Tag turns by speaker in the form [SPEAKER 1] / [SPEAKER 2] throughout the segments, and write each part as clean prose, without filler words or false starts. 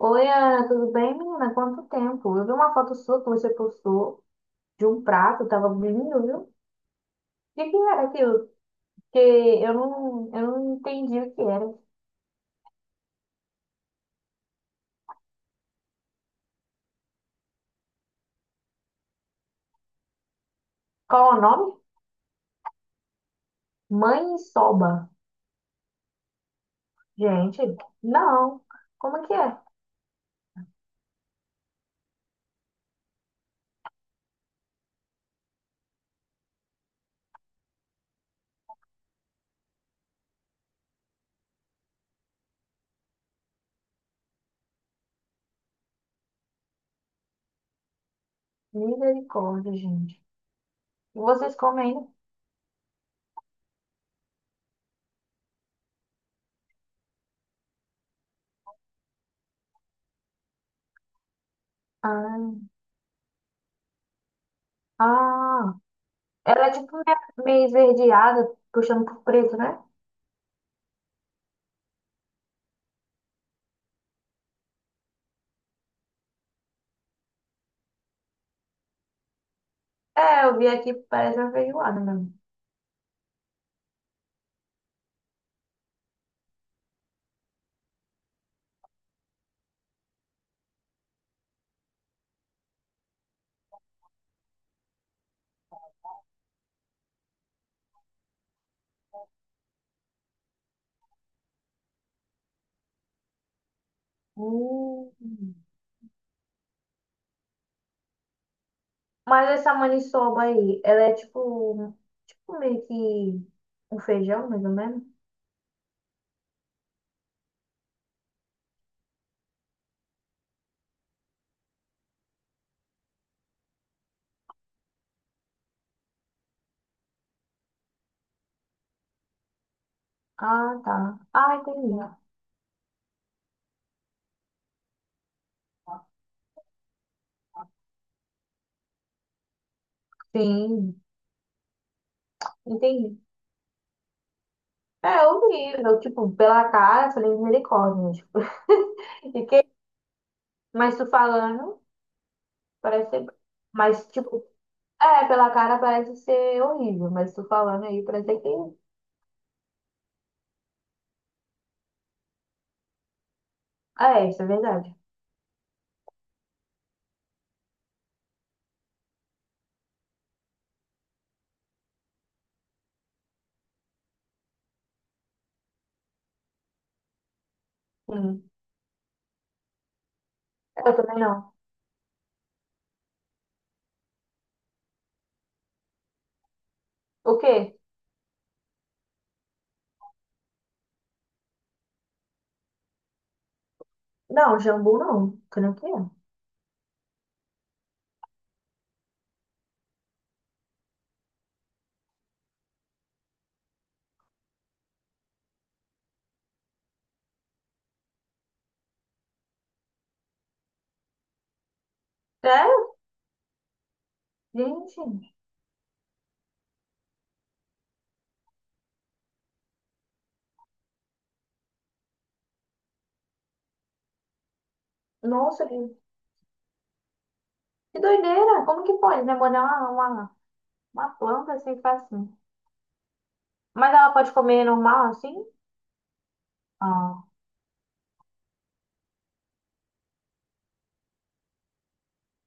[SPEAKER 1] Oi, Ana, tudo bem, menina? Quanto tempo? Eu vi uma foto sua que você postou de um prato, tava lindo, viu? O que que era aquilo? Porque eu não entendi o que era. Qual é o nome? Mãe soba. Gente, não. Como é que é? Misericórdia, gente. E vocês comem ainda? Ah, ah. Ela é tipo meio esverdeada, puxando pro preto, né? É, eu vi aqui, parece uma feijoada mesmo. Hum. Mas essa maniçoba aí, ela é tipo, tipo meio que um feijão, mais ou menos? Ah, tá. Ah, entendi. Sim, entendi. É horrível, tipo, pela cara, eu falei misericórdia, né, tipo. E mas tu falando, parece ser... Mas, tipo, é, pela cara parece ser horrível, mas tu falando aí parece que... Ah, é, isso é verdade. Sim. Eu também não. O quê? Não, jambu não. Que não que é. É? Gente, nossa, que doideira! Como que pode, né? Molhar uma planta assim, ficar assim. Mas ela pode comer normal, assim? Ah.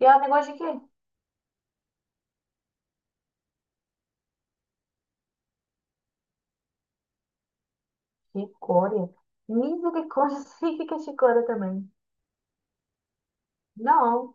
[SPEAKER 1] E ela tem gosto de quê? Chicória. Misericórdia, significa chicória também. Não,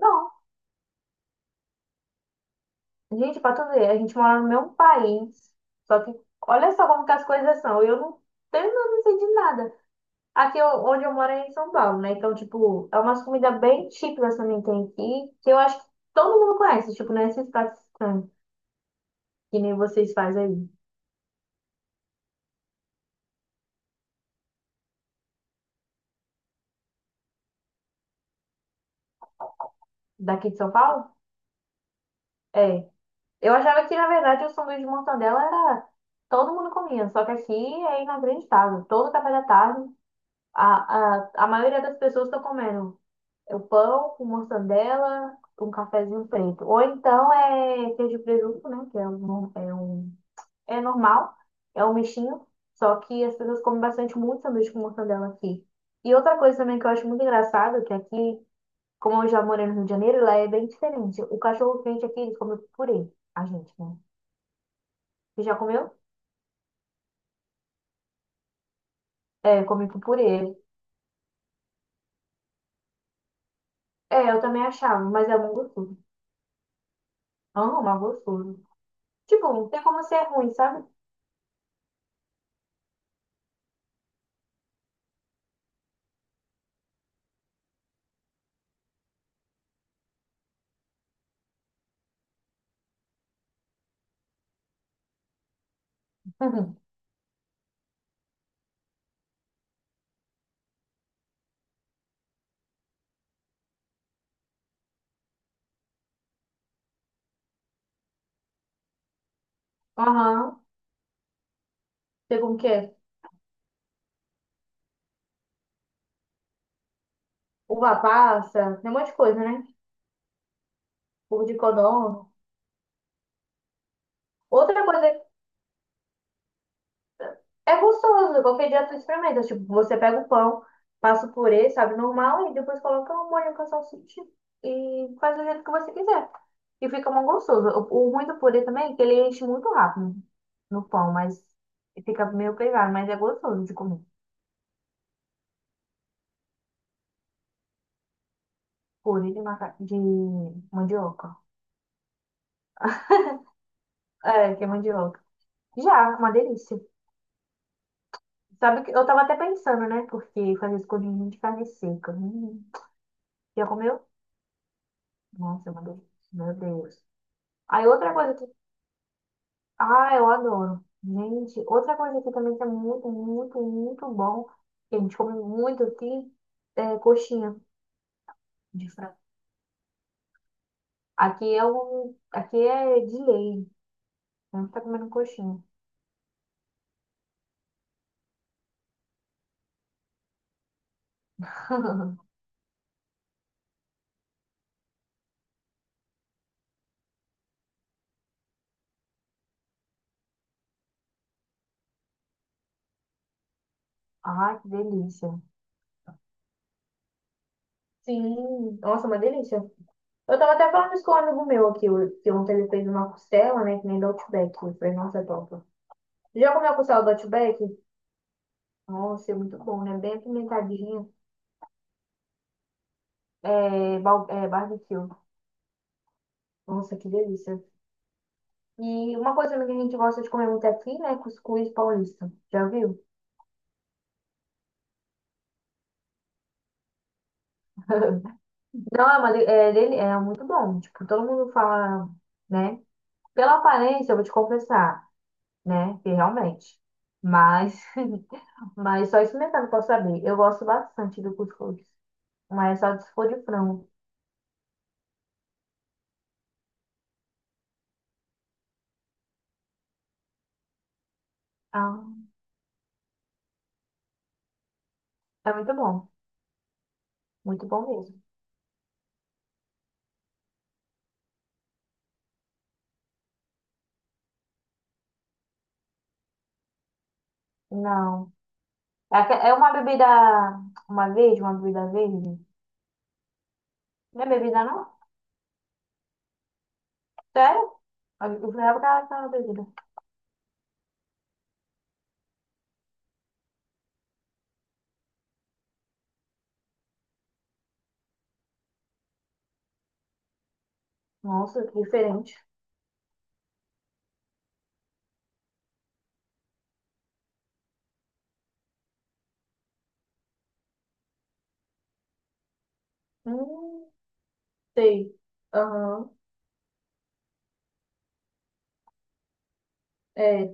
[SPEAKER 1] não. Gente, pra tu ver, a gente mora no mesmo país. Só que, olha só como que as coisas são. Eu não tenho, eu não sei de nada. Aqui eu- onde eu moro é em São Paulo, né? Então, tipo, é umas comidas bem típicas também que tem aqui, que eu acho que todo mundo conhece. Tipo, não é esses pratos estranhos, que nem vocês fazem aí. Daqui de São Paulo? É. Eu achava que, na verdade, o sanduíche de mortadela era. Todo mundo comia, só que aqui é inacreditável. Todo café da tarde, a, a maioria das pessoas estão comendo o pão com mortadela, com um cafezinho preto. Ou então é queijo e presunto, né? Que é normal, é um mexinho. Só que as pessoas comem bastante muito sanduíche com mortadela aqui. E outra coisa também que eu acho muito engraçado, que aqui como eu já morei no Rio de Janeiro, lá é bem diferente. O cachorro quente aqui, eles comem com purê. A gente, né? Você já comeu? É, comi com purê. É, eu também achava, mas é bom gostoso. Ah, mas gostoso. Tipo, não tem como ser ruim, sabe? Uhum. Aham. Sei como que é. Uva passa, tem um monte de coisa, né? Ovo de codorna. Outra coisa é gostoso, qualquer dia tu experimenta. Tipo, você pega o pão, passa o purê, sabe, normal, e depois coloca o molho com a salsicha e faz do jeito que você quiser. E fica muito gostoso. O ruim do purê também é que ele enche muito rápido no pão, mas fica meio pesado, mas é gostoso de comer. Purê de, maca... de mandioca. É, que é mandioca. Já, uma delícia. Sabe que eu tava até pensando, né? Porque fazer escondidinho de carne seca. Hum. Já comeu? Nossa, é uma delícia. Meu Deus. Aí outra coisa ah, eu adoro. Gente, outra coisa aqui também que é muito, muito, muito bom, que a gente come muito aqui, é coxinha de frango. Aqui é um, aqui é de lei. A gente tá comendo coxinha. Ai, que delícia. Sim, nossa, uma delícia. Eu tava até falando isso com um amigo meu aqui, o- que ontem ele fez uma costela, né, que nem do Outback. Eu falei, nossa, é top. Já comeu a costela do Outback? Nossa, é muito bom, né? Bem apimentadinha. É, bal- é barbecue. Nossa, que delícia. E uma coisa que a gente gosta de comer muito aqui, né? Cuscuz paulista. Já viu? Não, é, uma, de- é, dele- é muito bom. Tipo, todo mundo fala, né? Pela aparência, eu vou te confessar, né? Que realmente. Mas, mas só experimentando posso saber. Eu gosto bastante do cuscuz. Mas só se for de frango. Ah, é muito bom. Muito bom mesmo. Não. É, aque- é uma bebida. Uma verde, uma bebida verde. Não é bebida, não? Sério? Eu jurava que era aquela bebida. Nossa, que diferente. Hum, sei. Aham. É,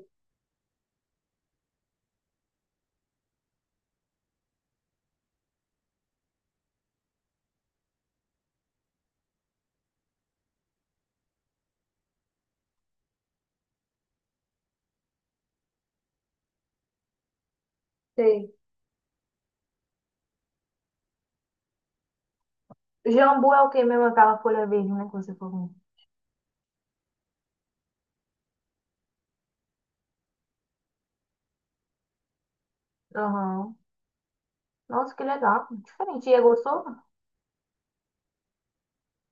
[SPEAKER 1] sei. Jambu é o que mesmo? Aquela folha verde, né? Que você falou. Aham. Nossa, que legal. Diferente. E é gostoso?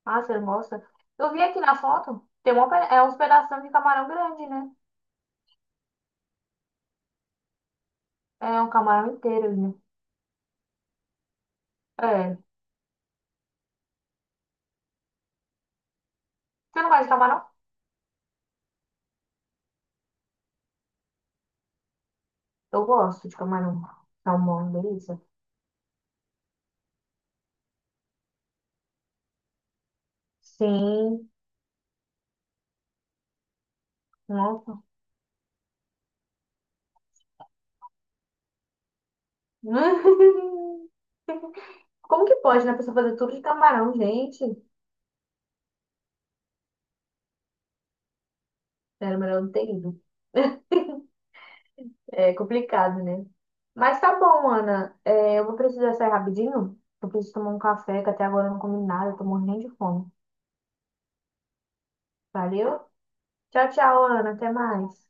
[SPEAKER 1] Ah, você gosta? Eu vi aqui na foto. Tem uma, pe- é uns pedaços de camarão grande, né? É um camarão inteiro, ali, né? É. Você não gosta de camarão? Eu gosto de camarão. Salmão, delícia. Sim. Nossa. Como que pode, né? A pessoa fazer tudo de camarão, gente? Era melhor não ter ido. É complicado, né? Mas tá bom, Ana. É, eu vou precisar sair rapidinho. Eu preciso tomar um café, que até agora eu não comi nada, eu tô morrendo de fome. Valeu? Tchau, tchau, Ana. Até mais.